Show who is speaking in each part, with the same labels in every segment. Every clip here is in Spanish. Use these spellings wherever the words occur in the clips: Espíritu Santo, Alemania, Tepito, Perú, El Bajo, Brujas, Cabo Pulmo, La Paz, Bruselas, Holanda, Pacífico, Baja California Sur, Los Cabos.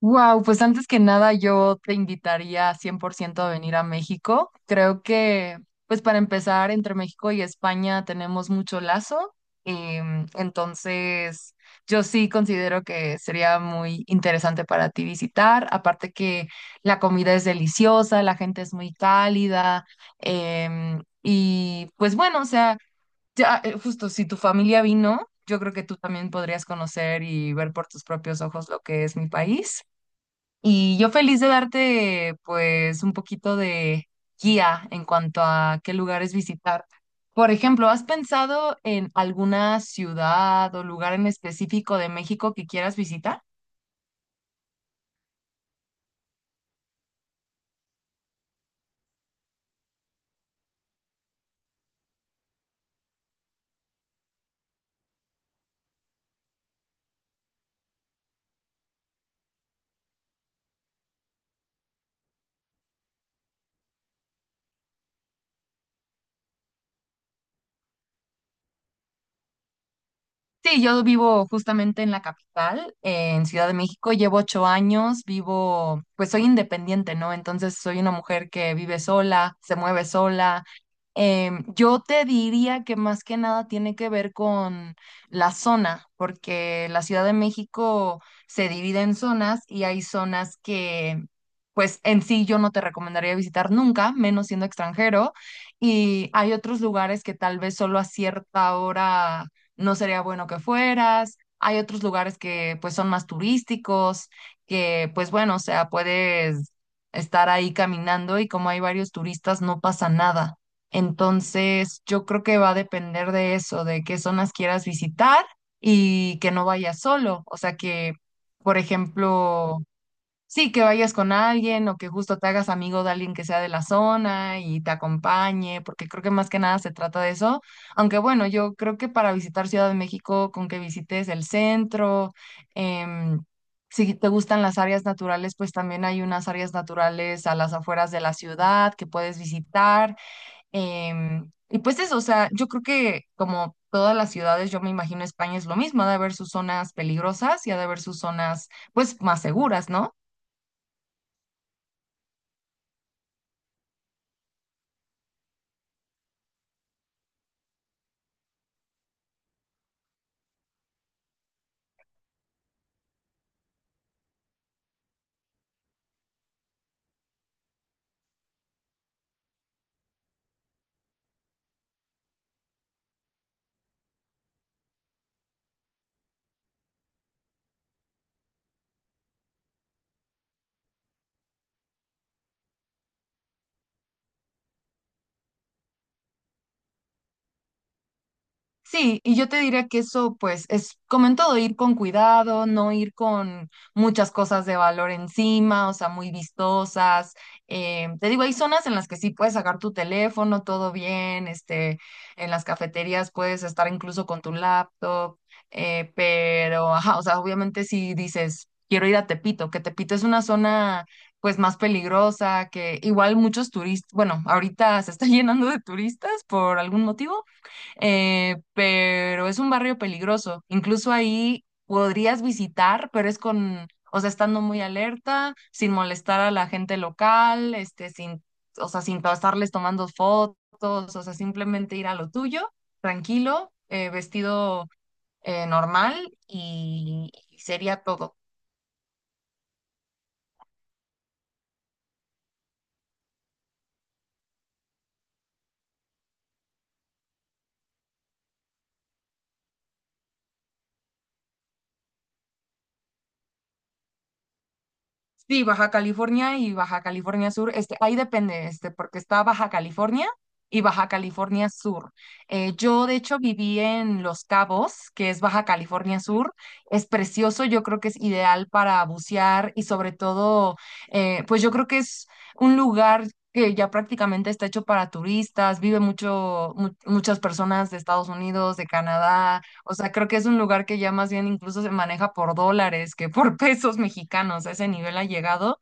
Speaker 1: Wow, pues antes que nada yo te invitaría 100% a venir a México. Creo que, pues para empezar, entre México y España tenemos mucho lazo. Entonces, yo sí considero que sería muy interesante para ti visitar. Aparte que la comida es deliciosa, la gente es muy cálida. Y pues bueno, o sea, ya, justo si tu familia vino, yo creo que tú también podrías conocer y ver por tus propios ojos lo que es mi país. Y yo feliz de darte pues un poquito de guía en cuanto a qué lugares visitar. Por ejemplo, ¿has pensado en alguna ciudad o lugar en específico de México que quieras visitar? Sí, yo vivo justamente en la capital, en Ciudad de México. Llevo 8 años, vivo, pues soy independiente, ¿no? Entonces soy una mujer que vive sola, se mueve sola. Yo te diría que más que nada tiene que ver con la zona, porque la Ciudad de México se divide en zonas y hay zonas que, pues en sí yo no te recomendaría visitar nunca, menos siendo extranjero. Y hay otros lugares que tal vez solo a cierta hora no sería bueno que fueras. Hay otros lugares que pues son más turísticos, que pues bueno, o sea, puedes estar ahí caminando y como hay varios turistas, no pasa nada. Entonces, yo creo que va a depender de eso, de qué zonas quieras visitar y que no vayas solo. O sea, que, por ejemplo, sí, que vayas con alguien o que justo te hagas amigo de alguien que sea de la zona y te acompañe, porque creo que más que nada se trata de eso. Aunque bueno, yo creo que para visitar Ciudad de México, con que visites el centro, em, si te gustan las áreas naturales, pues también hay unas áreas naturales a las afueras de la ciudad que puedes visitar. Y pues eso, o sea, yo creo que como todas las ciudades, yo me imagino España es lo mismo, ha de haber sus zonas peligrosas y ha de haber sus zonas pues más seguras, ¿no? Sí, y yo te diría que eso, pues, es como en todo, ir con cuidado, no ir con muchas cosas de valor encima, o sea, muy vistosas. Te digo, hay zonas en las que sí puedes sacar tu teléfono, todo bien, este, en las cafeterías puedes estar incluso con tu laptop, pero, ajá, o sea, obviamente si dices, quiero ir a Tepito, que Tepito es una zona, pues, más peligrosa, que igual muchos turistas, bueno, ahorita se está llenando de turistas por algún motivo pero es un barrio peligroso. Incluso ahí podrías visitar, pero es con, o sea, estando muy alerta, sin molestar a la gente local, este, sin, o sea, sin to- estarles tomando fotos, o sea, simplemente ir a lo tuyo, tranquilo, vestido normal y sería todo. Sí, Baja California y Baja California Sur, este, ahí depende, este, porque está Baja California y Baja California Sur. Yo, de hecho, viví en Los Cabos, que es Baja California Sur. Es precioso, yo creo que es ideal para bucear y sobre todo, pues yo creo que es un lugar que ya prácticamente está hecho para turistas, vive muchas personas de Estados Unidos, de Canadá, o sea, creo que es un lugar que ya más bien incluso se maneja por dólares que por pesos mexicanos. A ese nivel ha llegado.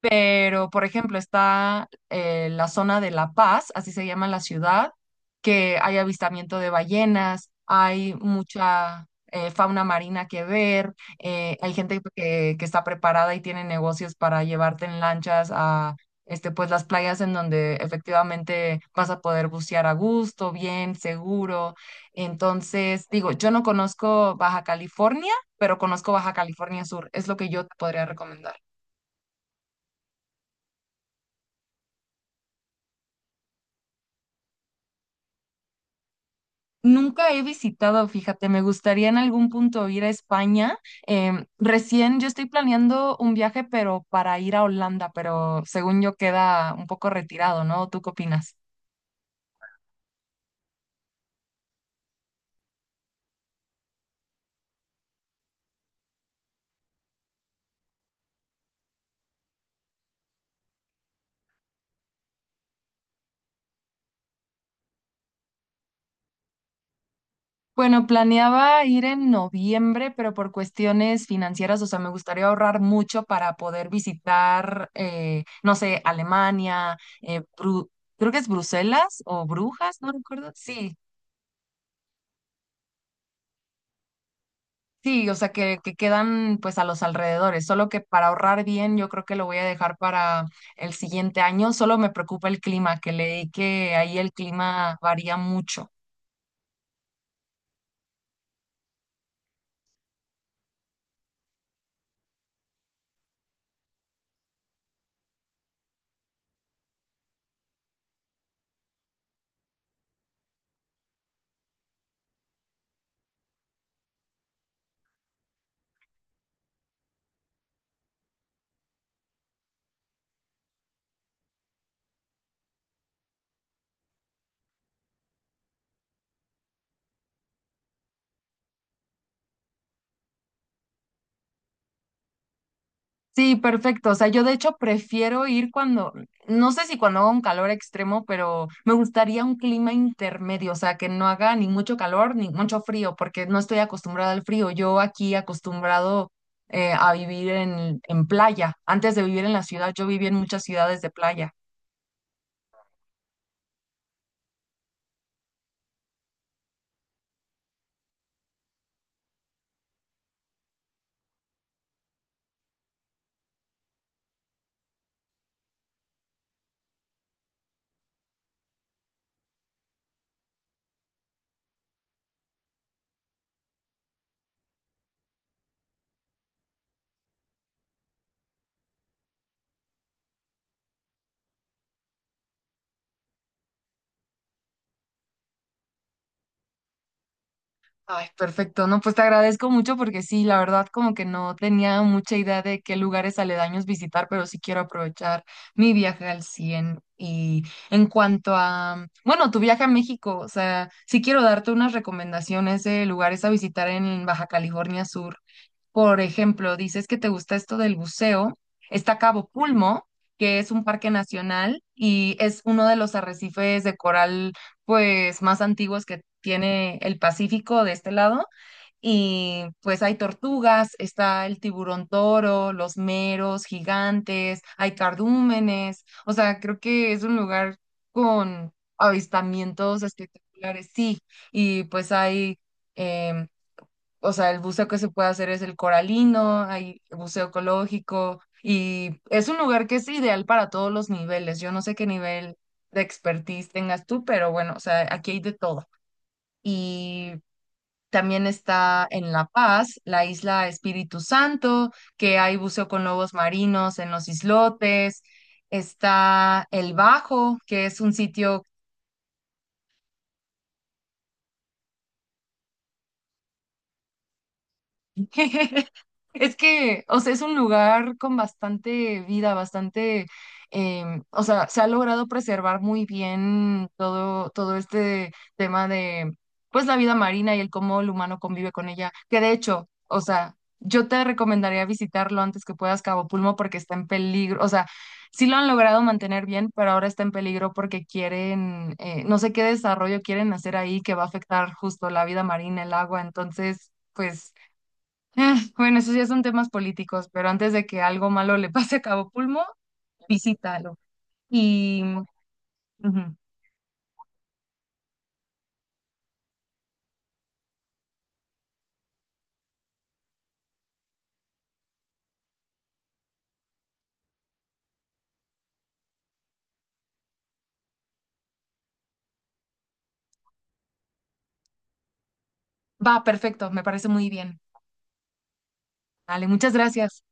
Speaker 1: Pero, por ejemplo, está la zona de La Paz, así se llama la ciudad, que hay avistamiento de ballenas, hay mucha fauna marina que ver, hay gente que está preparada y tiene negocios para llevarte en lanchas a este, pues, las playas en donde efectivamente vas a poder bucear a gusto, bien, seguro. Entonces, digo, yo no conozco Baja California, pero conozco Baja California Sur, es lo que yo te podría recomendar. Nunca he visitado, fíjate, me gustaría en algún punto ir a España. Recién yo estoy planeando un viaje, pero para ir a Holanda, pero según yo queda un poco retirado, ¿no? ¿Tú qué opinas? Bueno, planeaba ir en noviembre, pero por cuestiones financieras, o sea, me gustaría ahorrar mucho para poder visitar, no sé, Alemania, eh, Bru- creo que es Bruselas o Brujas, no recuerdo. Sí, sí, o sea, que quedan pues a los alrededores, solo que para ahorrar bien yo creo que lo voy a dejar para el siguiente año, solo me preocupa el clima, que leí que ahí el clima varía mucho. Sí, perfecto, o sea, yo de hecho prefiero ir cuando, no sé si cuando haga un calor extremo, pero me gustaría un clima intermedio, o sea, que no haga ni mucho calor ni mucho frío, porque no estoy acostumbrada al frío, yo aquí acostumbrado... a vivir en playa. Antes de vivir en la ciudad, yo viví en muchas ciudades de playa. Ay, perfecto. No, pues te agradezco mucho porque sí, la verdad como que no tenía mucha idea de qué lugares aledaños visitar, pero sí quiero aprovechar mi viaje al 100. Y en cuanto a, bueno, tu viaje a México, o sea, sí quiero darte unas recomendaciones de lugares a visitar en Baja California Sur. Por ejemplo, dices que te gusta esto del buceo. Está Cabo Pulmo, que es un parque nacional y es uno de los arrecifes de coral, pues, más antiguos que tiene el Pacífico de este lado. Y pues hay tortugas, está el tiburón toro, los meros gigantes, hay cardúmenes. O sea, creo que es un lugar con avistamientos espectaculares, sí. Y pues hay... em, o sea, el buceo que se puede hacer es el coralino, hay buceo ecológico y es un lugar que es ideal para todos los niveles. Yo no sé qué nivel de expertise tengas tú, pero bueno, o sea, aquí hay de todo. Y también está en La Paz, la isla Espíritu Santo, que hay buceo con lobos marinos en los islotes. Está El Bajo, que es un sitio. Es que, o sea, es un lugar con bastante vida, bastante, o sea, se ha logrado preservar muy bien todo, todo este tema de, pues, la vida marina y el cómo el humano convive con ella. Que de hecho, o sea, yo te recomendaría visitarlo antes que puedas Cabo Pulmo porque está en peligro, o sea, sí lo han logrado mantener bien, pero ahora está en peligro porque quieren, no sé qué desarrollo quieren hacer ahí que va a afectar justo la vida marina, el agua, entonces, pues bueno, esos ya son temas políticos, pero antes de que algo malo le pase a Cabo Pulmo, visítalo. Y ujú. Va, perfecto, me parece muy bien. Vale, muchas gracias.